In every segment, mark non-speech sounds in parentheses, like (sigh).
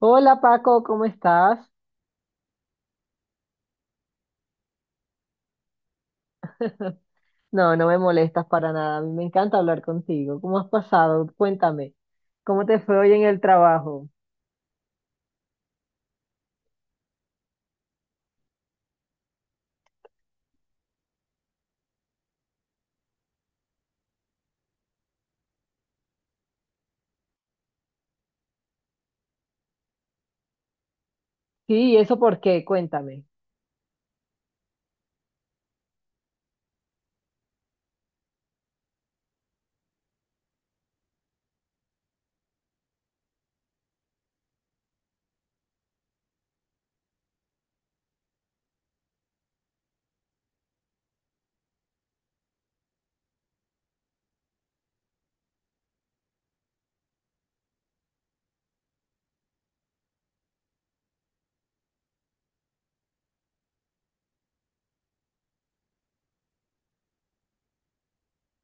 Hola Paco, ¿cómo estás? No, no me molestas para nada. A mí me encanta hablar contigo. ¿Cómo has pasado? Cuéntame. ¿Cómo te fue hoy en el trabajo? Sí, ¿y eso por qué? Cuéntame.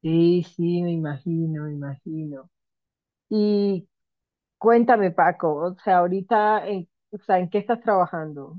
Sí, sí, me imagino, me imagino. Y cuéntame, Paco, o sea, ahorita, o sea, ¿en qué estás trabajando?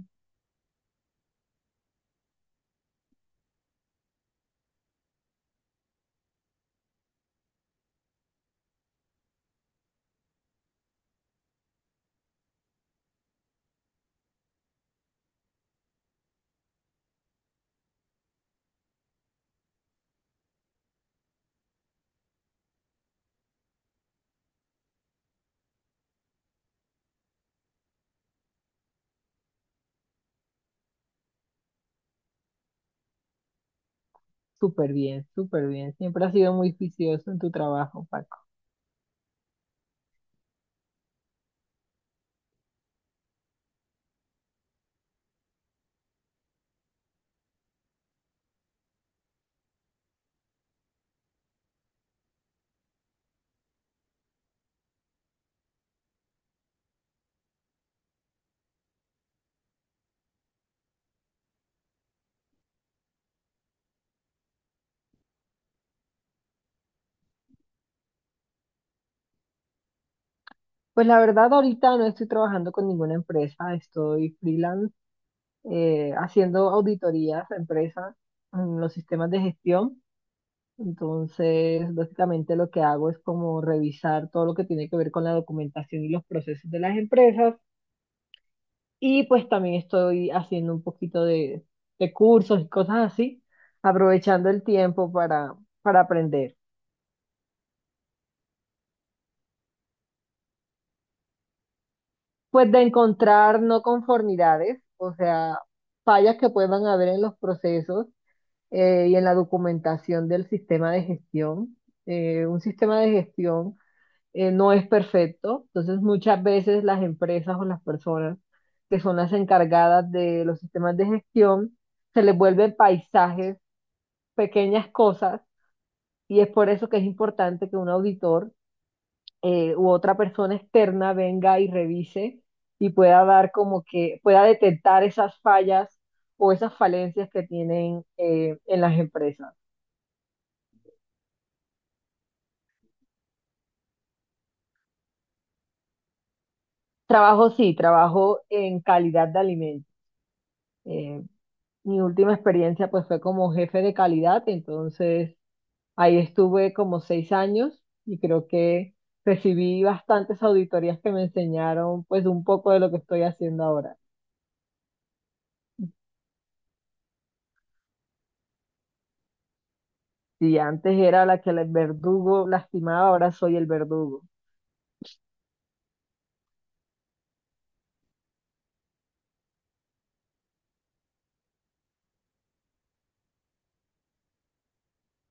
Súper bien, súper bien. Siempre has sido muy juicioso en tu trabajo, Paco. Pues la verdad, ahorita no estoy trabajando con ninguna empresa, estoy freelance haciendo auditorías a empresas en los sistemas de gestión. Entonces, básicamente lo que hago es como revisar todo lo que tiene que ver con la documentación y los procesos de las empresas. Y pues también estoy haciendo un poquito de cursos y cosas así, aprovechando el tiempo para aprender. Pues de encontrar no conformidades, o sea, fallas que puedan haber en los procesos y en la documentación del sistema de gestión. Un sistema de gestión no es perfecto, entonces muchas veces las empresas o las personas que son las encargadas de los sistemas de gestión se les vuelven paisajes, pequeñas cosas, y es por eso que es importante que un auditor u otra persona externa venga y revise y pueda dar como que pueda detectar esas fallas o esas falencias que tienen en las empresas. Trabajo sí, trabajo en calidad de alimentos. Eh, Mi última experiencia pues fue como jefe de calidad, entonces ahí estuve como 6 años y creo que recibí bastantes auditorías que me enseñaron pues un poco de lo que estoy haciendo ahora. Si antes era la que el verdugo lastimaba, ahora soy el verdugo.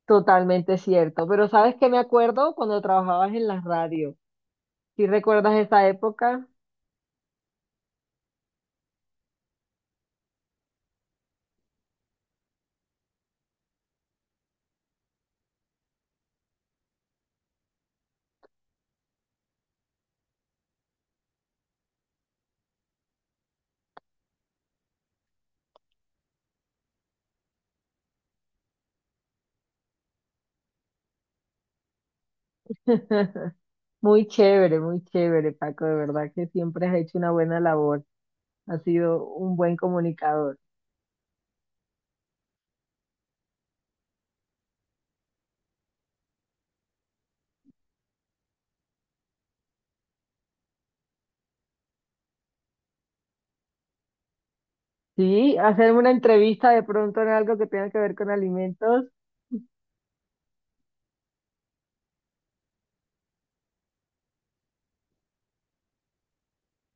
Totalmente cierto, pero ¿sabes qué me acuerdo cuando trabajabas en la radio? ¿Sí recuerdas esa época? (laughs) Muy chévere, Paco. De verdad que siempre has hecho una buena labor. Has sido un buen comunicador. Sí, hacerme una entrevista de pronto en algo que tenga que ver con alimentos.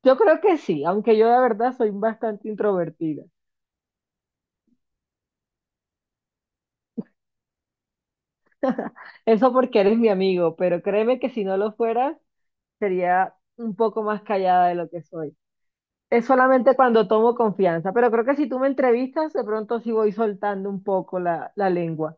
Yo creo que sí, aunque yo de verdad soy bastante introvertida. Eso porque eres mi amigo, pero créeme que si no lo fueras, sería un poco más callada de lo que soy. Es solamente cuando tomo confianza, pero creo que si tú me entrevistas, de pronto sí voy soltando un poco la lengua.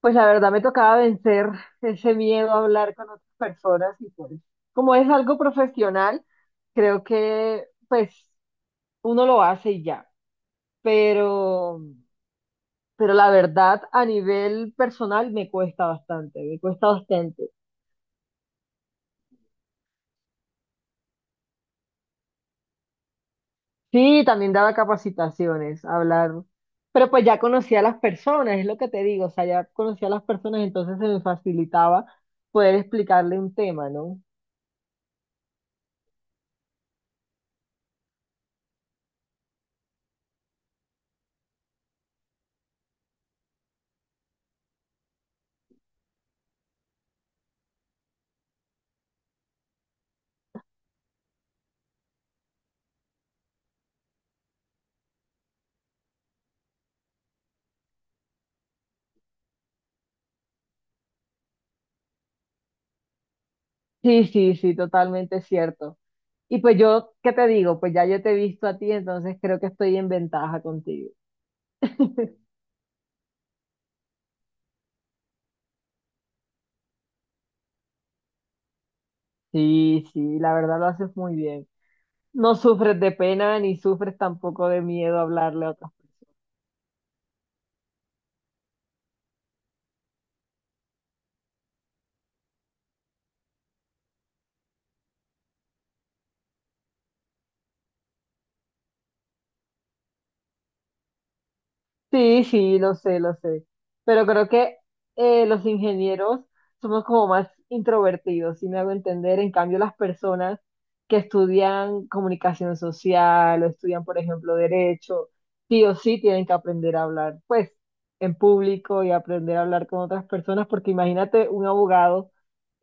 Pues la verdad me tocaba vencer ese miedo a hablar con otras personas y pues como es algo profesional, creo que pues uno lo hace y ya, pero pero la verdad a nivel personal me cuesta bastante, me cuesta bastante. Sí, también daba capacitaciones, hablar, pero pues ya conocía a las personas, es lo que te digo, o sea, ya conocía a las personas, entonces se me facilitaba poder explicarle un tema, ¿no? Sí, sí, sí, totalmente cierto. Y pues yo, ¿qué te digo? Pues ya yo te he visto a ti, entonces creo que estoy en ventaja contigo. (laughs) Sí, sí, la verdad lo haces muy bien. No sufres de pena ni sufres tampoco de miedo a hablarle a otras personas. Sí, sí, lo sé, lo sé. Pero creo que los ingenieros somos como más introvertidos, si me hago entender. En cambio, las personas que estudian comunicación social o estudian, por ejemplo, derecho, sí o sí tienen que aprender a hablar, pues, en público y aprender a hablar con otras personas, porque imagínate un abogado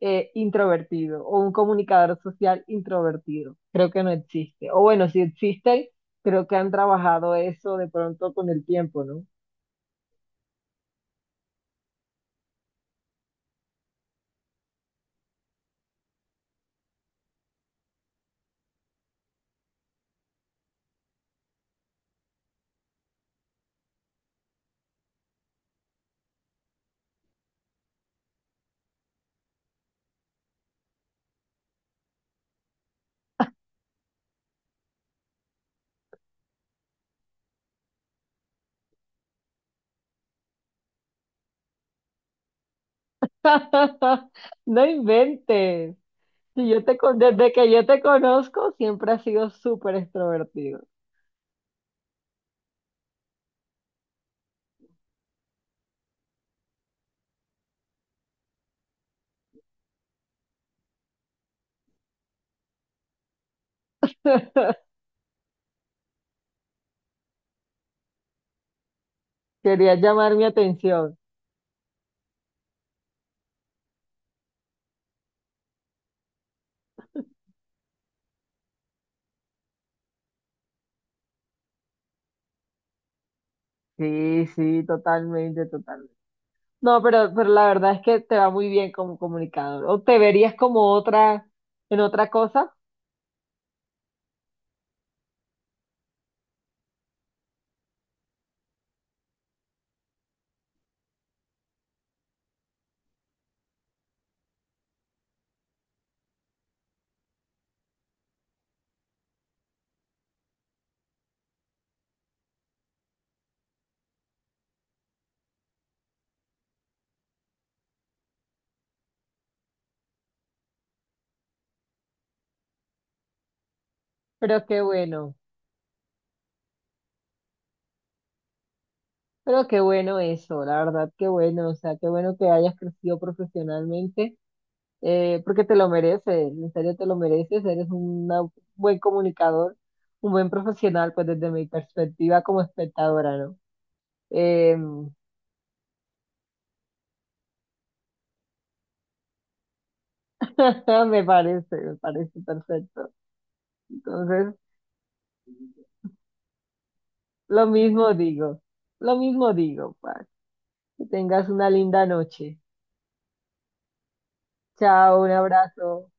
introvertido o un comunicador social introvertido. Creo que no existe. O bueno, si existen, creo que han trabajado eso de pronto con el tiempo, ¿no? (laughs) No inventes. Si yo te con- Desde que yo te conozco, siempre has sido súper extrovertido. (laughs) Querías llamar mi atención. Sí, sí, totalmente, totalmente. No, pero la verdad es que te va muy bien como comunicador. O te verías como otra, en otra cosa, pero qué bueno. Pero qué bueno eso, la verdad, qué bueno. O sea, qué bueno que hayas crecido profesionalmente porque te lo mereces, en serio te lo mereces, un buen comunicador, un buen profesional, pues desde mi perspectiva como espectadora, ¿no? Em, (laughs) me parece perfecto. Entonces, lo mismo digo, lo mismo digo, Paz. Que tengas una linda noche. Chao, un abrazo.